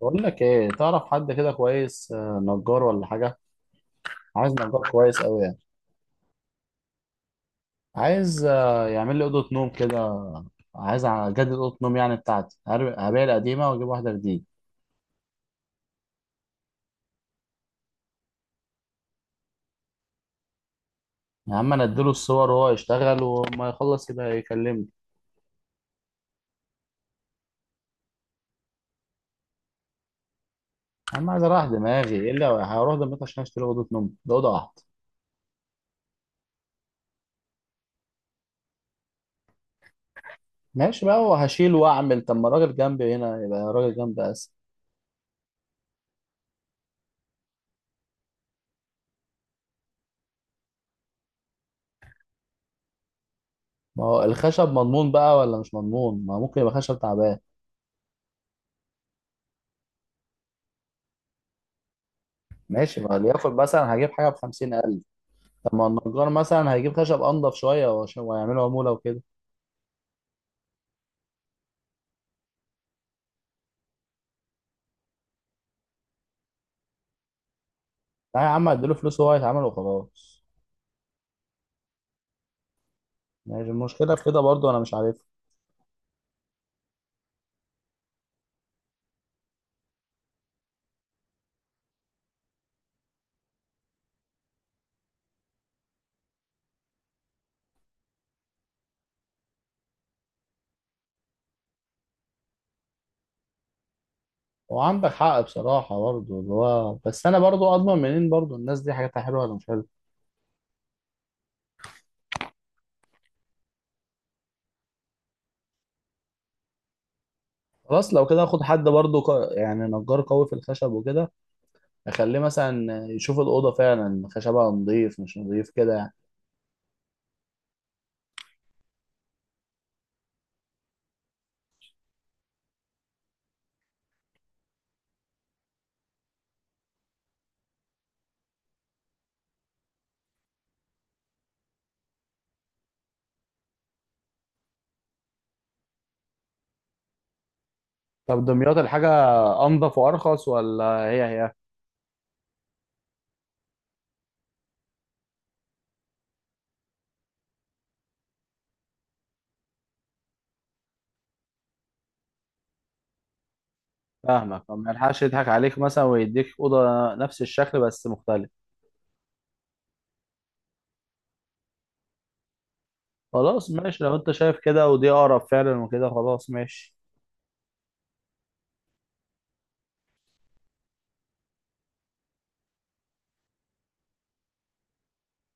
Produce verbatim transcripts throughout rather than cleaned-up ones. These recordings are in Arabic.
بقول لك ايه؟ تعرف حد كده كويس، آه، نجار ولا حاجه؟ عايز نجار كويس قوي يعني. عايز آه، يعمل لي اوضه نوم كده. عايز اجدد اوضه نوم يعني بتاعتي، هر- هبيع القديمه واجيب واحده جديده. يا عم انا اديله الصور وهو يشتغل، وما يخلص يبقى يكلمني. يا عم عايز اريح دماغي، ايه اللي هروح دمياط عشان اشتري اوضه نوم؟ ده اوضه واحده. ماشي بقى، وهشيل واعمل، طب ما الراجل جنبي هنا، يبقى الراجل جنبي اسهل. ما هو الخشب مضمون بقى ولا مش مضمون؟ ما ممكن يبقى خشب تعبان. ماشي، ما ليكن مثلا هجيب حاجه ب خمسين الف. طب ما النجار مثلا هيجيب خشب انضف شويه، وعشان- وهيعملوا عموله وكده. لا يا عم، هديله فلوس وهو هيتعمل وخلاص. يعني المشكله في كده برضو، انا مش عارف. هو عندك حق بصراحه برضو، اللي هو بس انا برضو اضمن منين برضو الناس دي حاجاتها حلوه ولا مش حلوه؟ خلاص لو كده اخد حد برضو ق- يعني نجار قوي في الخشب وكده، اخليه مثلا يشوف الاوضه فعلا خشبها نضيف مش نضيف كده يعني. طب دمياط الحاجه انضف وارخص ولا هي هي؟ فاهمك. طب ما يلحقش يضحك عليك مثلا ويديك اوضه نفس الشكل بس مختلف؟ خلاص ماشي، لو انت شايف كده ودي اقرب فعلا وكده خلاص ماشي.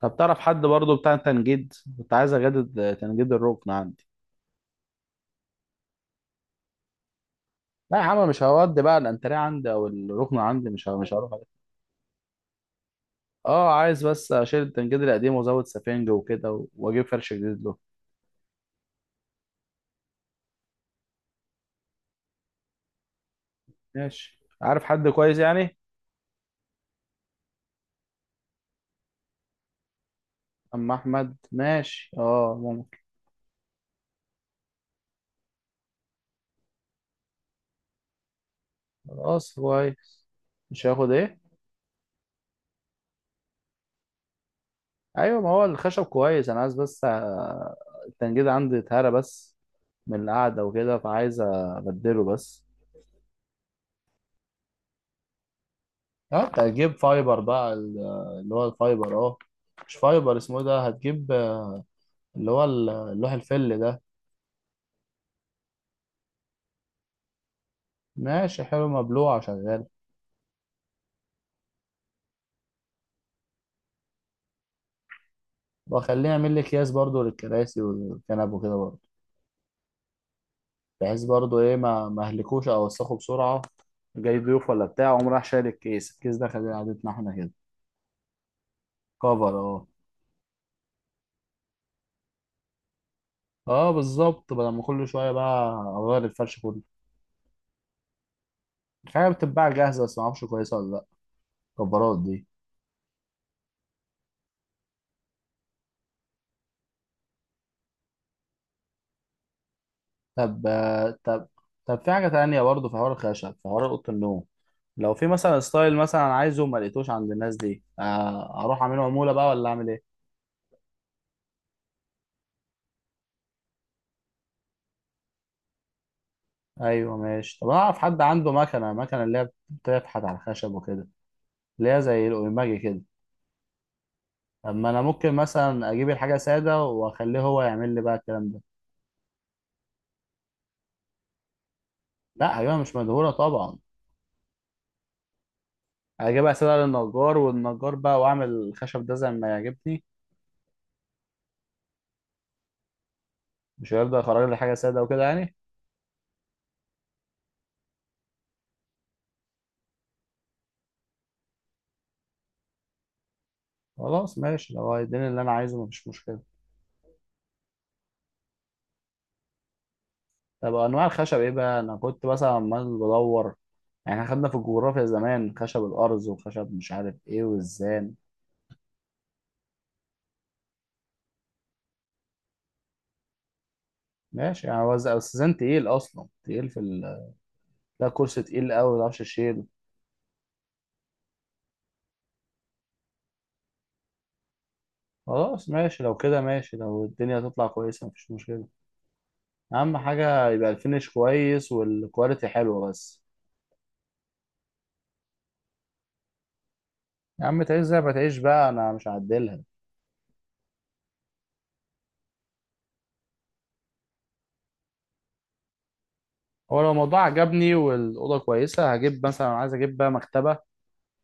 طب تعرف حد برضو بتاع تنجيد؟ كنت عايز اجدد تنجيد الركن عندي. لا يا عم مش هودي بقى الانتريه عندي او الركن عندي، مش ه- مش هروح عليه. اه، عايز بس اشيل التنجيد القديم وازود سفنج وكده و- واجيب فرش جديد له. ماشي، عارف حد كويس يعني؟ اما احمد ماشي، اه ممكن. خلاص كويس. مش هياخد ايه. ايوه، ما هو الخشب كويس، انا عايز بس آه، التنجيد عندي اتهرى بس من القعده وكده، فعايز ابدله بس. اه أنت هتجيب فايبر بقى ال- اللي هو الفايبر، اه. مش فايبر، اسمه إيه ده هتجيب؟ اللي هو ال- اللوح الفل ده. ماشي حلو مبلوع شغال. واخليه يعمل لي اكياس برضو للكراسي والكنب وكده برضو، بحيث برضو ايه، ما ما اهلكوش او اوسخه بسرعه. جاي ضيوف ولا بتاع، قوم راح شايل الكيس الكيس ده خليه قعدتنا احنا كده. كفر، اه. اه بالظبط، بدل ما كل شويه بقى اغير الفرش كله. في حاجه بتتباع جاهزه بس ما اعرفش كويسه ولا لا، الكبارات دي. طب آه، طب طب في حاجه تانية برضه، في حوار الخشب، في حوار اوضه النوم. لو في مثلا ستايل مثلا عايزه ما لقيتوش عند الناس دي، آه، اروح اعمله عموله بقى ولا اعمل ايه؟ ايوه ماشي. طب انا اعرف حد عنده مكنه مكنه اللي هي بتفحت على الخشب وكده، اللي هي زي الاوماجي كده. طب ما انا ممكن مثلا اجيب الحاجه ساده، واخليه هو يعمل لي بقى الكلام ده. لا ايوه، مش مدهوره طبعا. هجيبها سادة للنجار، والنجار بقى واعمل الخشب ده زي ما يعجبني. مش هيرضى يخرج لي حاجة سادة وكده يعني؟ خلاص ماشي، لو هيديني اللي انا عايزه مفيش مشكلة. طب انواع الخشب ايه بقى؟ انا كنت مثلا عمال بدور يعني، احنا خدنا في الجغرافيا زمان خشب الارز، وخشب مش عارف ايه، والزان. ماشي يعني، هو ز- الزان تقيل، اصلا تقيل في ال... ده كرسي تقيل قوي ما تعرفش تشيله. خلاص ماشي، لو كده ماشي، لو الدنيا تطلع كويسة مفيش مشكلة. اهم حاجة يبقى الفينش كويس، والكواليتي حلوة بس. يا عم تعيش زي ما تعيش بقى، انا مش هعدلها. هو لو الموضوع عجبني والاوضه كويسه، هجيب مثلا، عايز اجيب بقى مكتبه،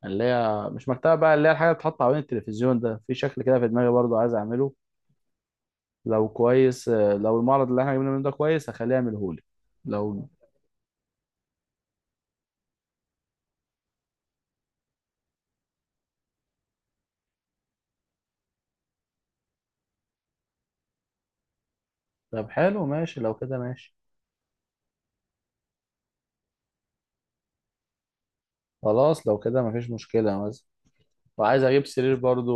اللي هي مش مكتبه بقى، اللي هي الحاجه اللي بتتحط حوالين التلفزيون ده، في شكل كده في دماغي برضو عايز اعمله. لو كويس آه، لو المعرض اللي احنا جبنا منه ده كويس، هخليه يعمله لي. لو طب حلو ماشي، لو كده ماشي. خلاص لو كده مفيش مشكله. مثلا وعايز اجيب سرير برضو،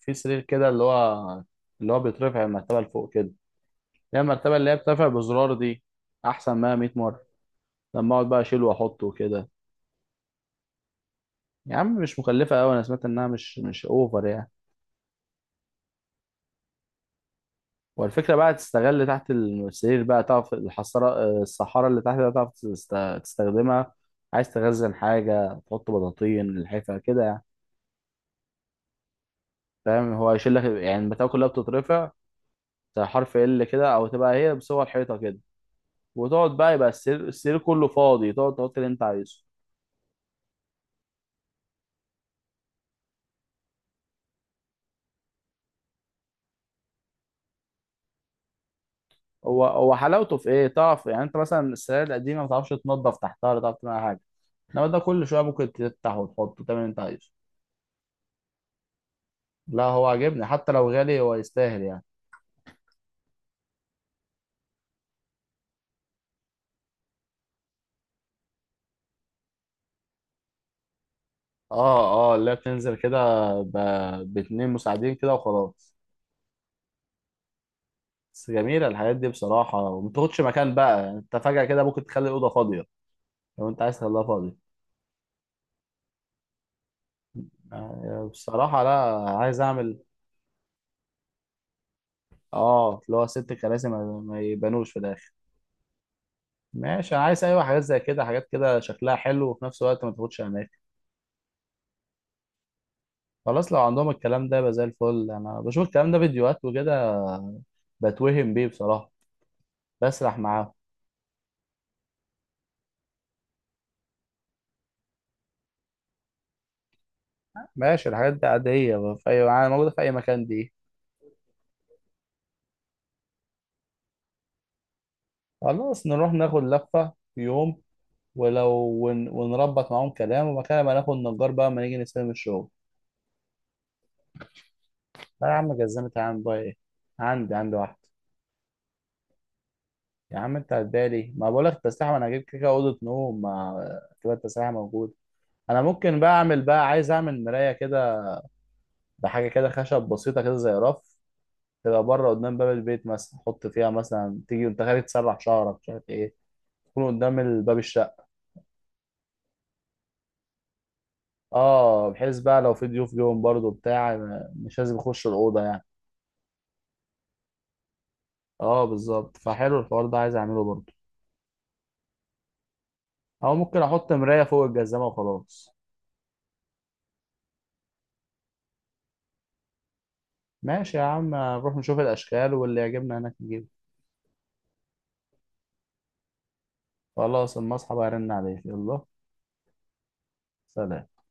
في سرير كده اللي هو، اللي هو بيترفع المرتبه لفوق كده، اللي هي المرتبه اللي هي بترفع بزرار دي، احسن ما ميه مره لما اقعد بقى اشيله واحطه وكده. يا عم مش مكلفه قوي، انا سمعت انها مش مش اوفر يعني. والفكره بقى تستغل تحت السرير بقى، تعرف الحصاره الصحاره اللي تحت بقى، تعرف تست- تستخدمها. عايز تخزن حاجه، تحط بطاطين الحفه كده يعني. فاهم، هو يشيل لك يعني البتاع كلها بتترفع، زي حرف ال كده، او تبقى هي بصور حيطه كده، وتقعد بقى، يبقى السرير السرير كله فاضي، تقعد تحط اللي انت عايزه. هو هو حلاوته في ايه؟ تعرف يعني انت مثلا السرير القديمه ما تعرفش تنضف تحتها، ولا تعرف تعمل حاجه. انما ده كل شويه ممكن تفتح وتحطه، تعمل اللي انت عايزه. لا هو عاجبني، حتى لو غالي هو يستاهل يعني. اه اه، لا بتنزل كده، ب- باتنين مساعدين كده وخلاص. بس جميلة الحاجات دي بصراحة، وما بتاخدش مكان بقى يعني. انت فجأة كده ممكن تخلي الأوضة فاضية، لو انت عايز تخليها فاضية. يعني بصراحة لا، عايز أعمل. اه، اللي هو ست كراسي ما, ما يبانوش في الآخر. ماشي، أنا عايز، أيوة حاجات زي كده، حاجات كده شكلها حلو، وفي نفس الوقت ما تاخدش أماكن. خلاص لو عندهم الكلام ده، يبقى زي الفل. أنا بشوف الكلام ده فيديوهات وكده، بتوهم بيه بصراحة، بسرح معاهم. ماشي الحاجات دي عادية في أي مع- موجودة في أي مكان دي. خلاص نروح ناخد لفة في يوم، ولو ون... ونربط معاهم كلام، ومكان ما ناخد نجار بقى ما نيجي نستلم الشغل. لا يا عم، جزمت يا عم بقى إيه؟ عندي عندي واحد. يا عم أنت هتبالي، ما بقولك التسليح، ما أنا هجيب كده أوضة نوم، ما كده التسليح موجود. أنا ممكن بقى أعمل بقى، عايز أعمل مراية كده، بحاجة كده خشب بسيطة كده زي رف، تبقى بره قدام باب البيت مثلا، أحط فيها مثلا تيجي وأنت خارج تسرح شعرك مش عارف إيه، يكون قدام ال- باب الشقة. اه، بحيث بقى لو في ضيوف جوهم برضو بتاع ما- مش لازم يخش الأوضة يعني. اه بالظبط، فحلو الحوار ده، عايز اعمله برضو. او ممكن احط مراية فوق الجزامة وخلاص. ماشي يا عم، نروح نشوف الاشكال واللي يعجبنا هناك نجيبه. خلاص، اما اصحى بقى ارن عليك، يلا سلام.